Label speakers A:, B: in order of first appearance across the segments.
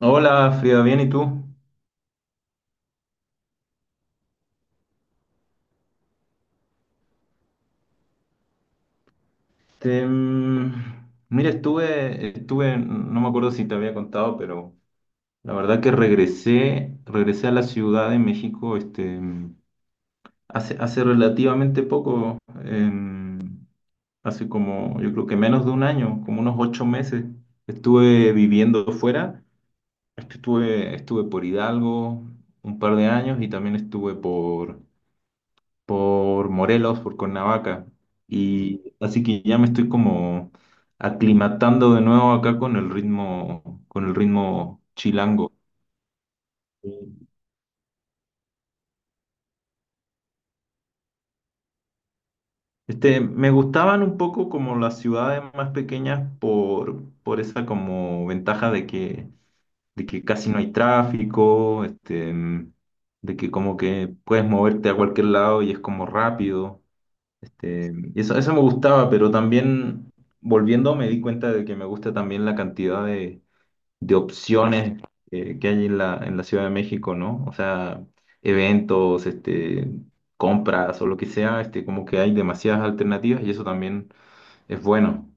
A: Hola, Frida, bien, ¿y tú? Te, mm, Mira, estuve, no me acuerdo si te había contado, pero la verdad que regresé a la Ciudad de México, hace relativamente poco, em, hace como, yo creo que menos de un año, como unos 8 meses, estuve viviendo fuera, estuve por Hidalgo un par de años y también estuve por Morelos, por Cuernavaca. Y así que ya me estoy como aclimatando de nuevo acá con el ritmo, chilango. Me gustaban un poco como las ciudades más pequeñas por esa como ventaja de que casi no hay tráfico, de que como que puedes moverte a cualquier lado y es como rápido. Y eso me gustaba, pero también volviendo me di cuenta de que me gusta también la cantidad de opciones que hay en la Ciudad de México, ¿no? O sea, eventos, compras o lo que sea, como que hay demasiadas alternativas y eso también es bueno.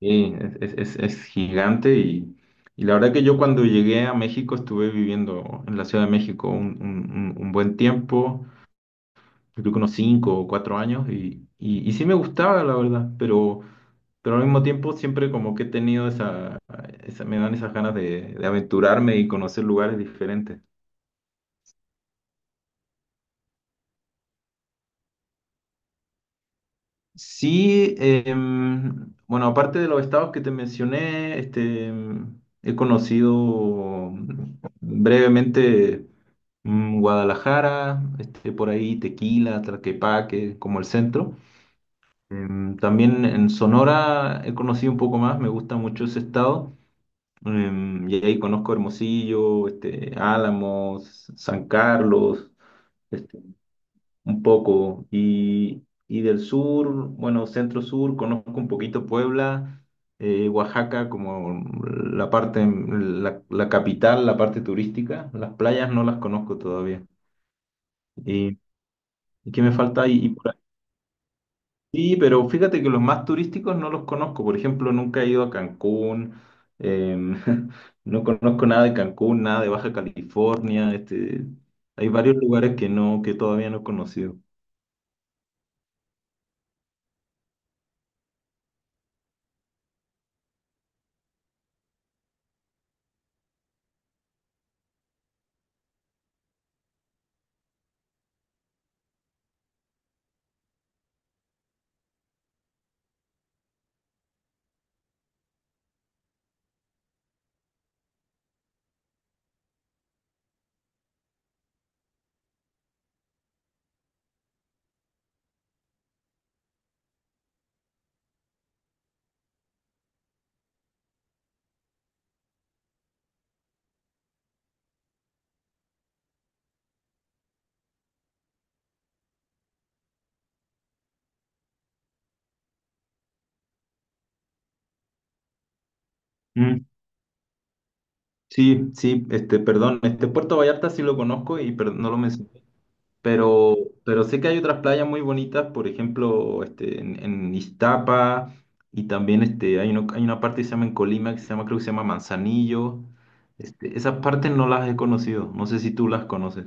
A: Sí, es gigante y la verdad que yo cuando llegué a México estuve viviendo en la Ciudad de México un buen tiempo. Yo creo que unos 5 o 4 años y sí me gustaba, la verdad, pero al mismo tiempo siempre como que he tenido esa me dan esas ganas de aventurarme y conocer lugares diferentes. Sí, bueno, aparte de los estados que te mencioné, he conocido brevemente Guadalajara, por ahí Tequila, Tlaquepaque, como el centro. También en Sonora he conocido un poco más, me gusta mucho ese estado. Y ahí conozco Hermosillo, Álamos, San Carlos, este, un poco. Y del sur, bueno, centro sur, conozco un poquito Puebla, Oaxaca como la parte, la capital, la parte turística. Las playas no las conozco todavía. ¿Y, y qué me falta? Sí, pero fíjate que los más turísticos no los conozco. Por ejemplo, nunca he ido a Cancún, em, no conozco nada de Cancún, nada de Baja California. Hay varios lugares que no, que todavía no he conocido. Mm. Sí, sí, perdón, Puerto Vallarta sí lo conozco y no lo mencioné. Pero, pero sé que hay otras playas muy bonitas, por ejemplo, en Iztapa, y también hay una parte que se llama en Colima, que se llama, creo que se llama Manzanillo. Esas partes no las he conocido, no sé si tú las conoces.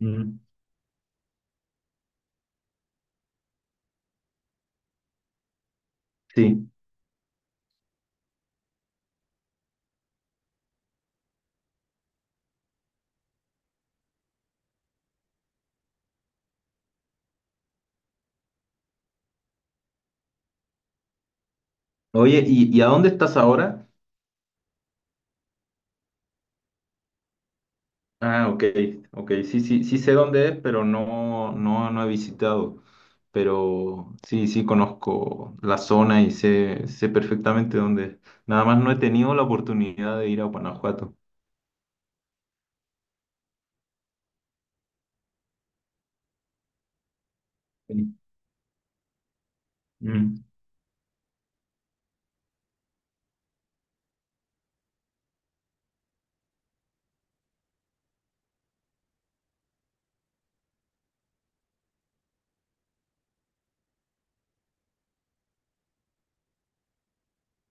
A: Mm. Sí. Oye, ¿y a dónde estás ahora? Ah, ok, ok, sí, sí, sí sé dónde es, pero no, no, no he visitado. Pero sí, sí conozco la zona y sé perfectamente dónde es. Nada más no he tenido la oportunidad de ir a Guanajuato. Mm.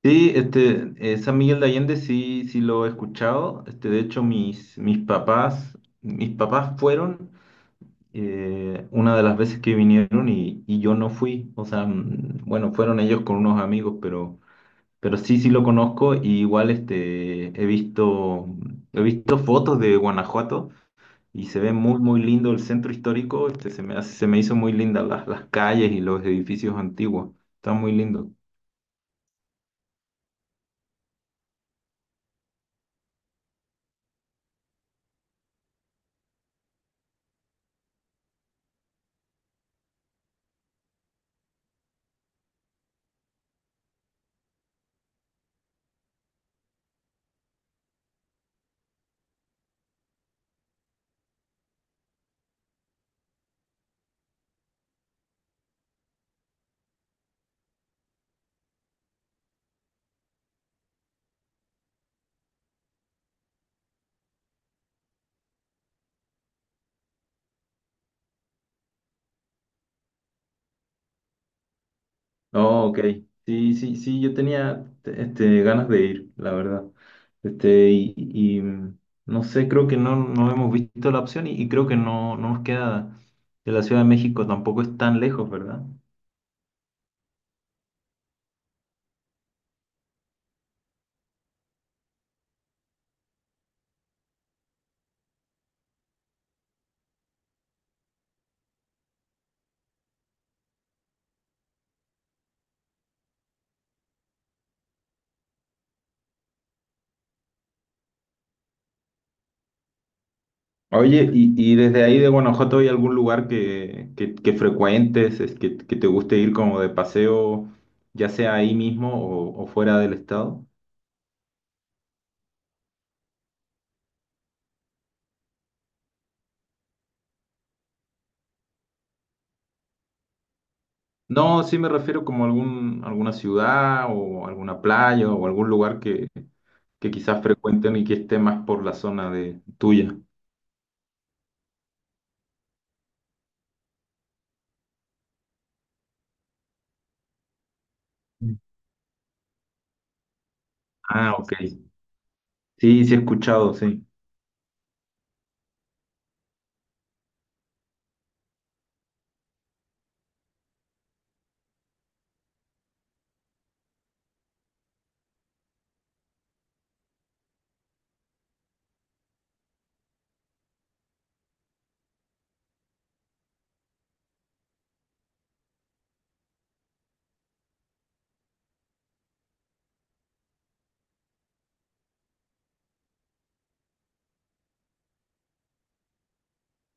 A: Sí, San Miguel de Allende sí, sí lo he escuchado. De hecho, mis papás fueron una de las veces que vinieron y yo no fui. O sea, bueno, fueron ellos con unos amigos, pero sí, sí lo conozco. Y igual he visto fotos de Guanajuato y se ve muy, muy lindo el centro histórico. Se me hizo muy linda las calles y los edificios antiguos. Está muy lindo. Oh, ok. Sí, sí, sí, yo tenía ganas de ir, la verdad. Este, y, y, mm, no sé, creo que no, no hemos visto la opción y creo que no, no nos queda de la Ciudad de México, tampoco es tan lejos, ¿verdad? Oye, y desde ahí de Guanajuato, ¿hay algún lugar que frecuentes, es que te guste ir como de paseo, ya sea ahí mismo o fuera del estado? No, sí me refiero como algún, alguna ciudad o alguna playa o algún lugar que quizás frecuenten y que esté más por la zona de tuya. Mm. Ah, ok. Sí, sí he escuchado, sí.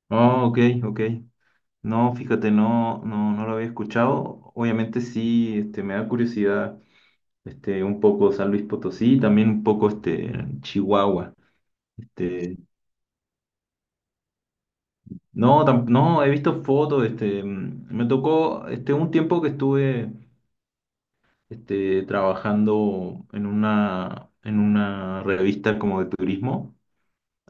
A: Oh, ok, ok. No, fíjate, no, no, no lo había escuchado. Obviamente sí, me da curiosidad, un poco San Luis Potosí, también un poco Chihuahua. Este, no, no, he visto fotos, me tocó, un tiempo que estuve, trabajando en una, revista como de turismo.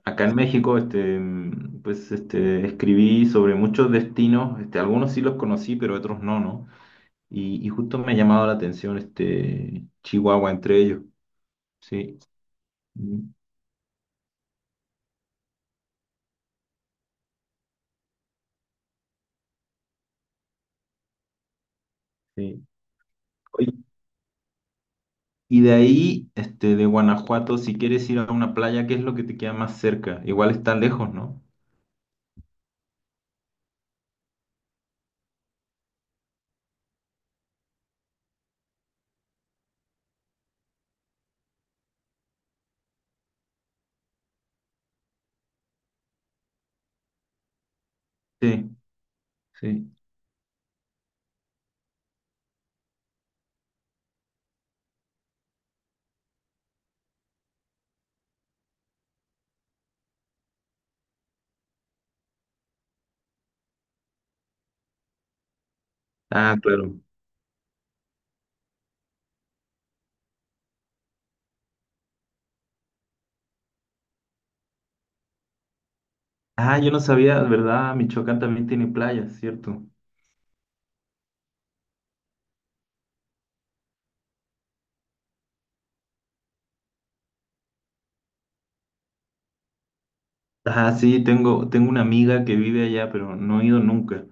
A: Acá en México, pues, escribí sobre muchos destinos, algunos sí los conocí, pero otros no, ¿no? Y justo me ha llamado la atención, Chihuahua entre ellos, sí, mm, sí. Oye, y de ahí, de Guanajuato, si quieres ir a una playa, ¿qué es lo que te queda más cerca? Igual está lejos, ¿no? Sí, sí. Ah, claro. Ah, yo no sabía, ¿verdad? Michoacán también tiene playas, ¿cierto? Ah, sí, tengo una amiga que vive allá, pero no he ido nunca.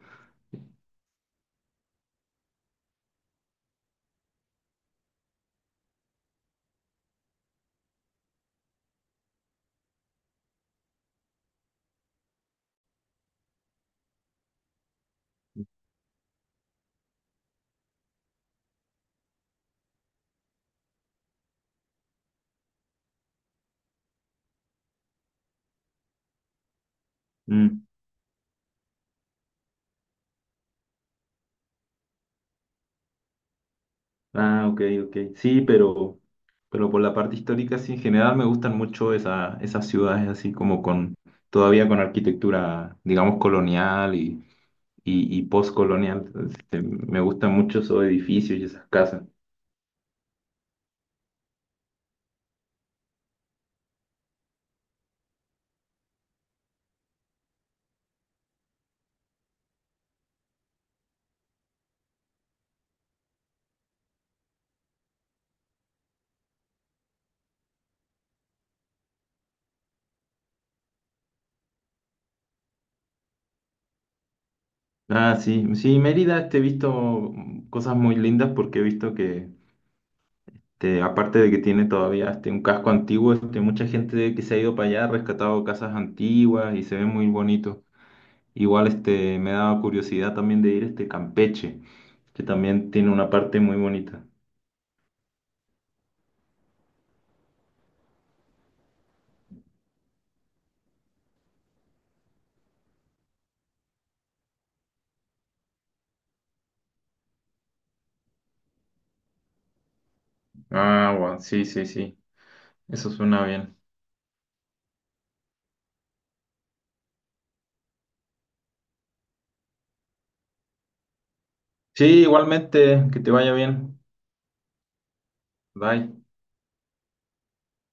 A: Mm. Ah, ok, ok. Sí, pero por la parte histórica, sí, en general me gustan mucho esa, esas ciudades así como con, todavía con arquitectura, digamos, colonial y postcolonial. Me gustan mucho esos edificios y esas casas. Ah, sí, sí, Mérida, he visto cosas muy lindas porque he visto que, aparte de que tiene todavía un casco antiguo, mucha gente que se ha ido para allá ha rescatado casas antiguas y se ve muy bonito. Igual me daba curiosidad también de ir a Campeche, que también tiene una parte muy bonita. Ah, bueno, sí, sí, sí. Eso suena bien. Sí, igualmente, que te vaya bien. Bye.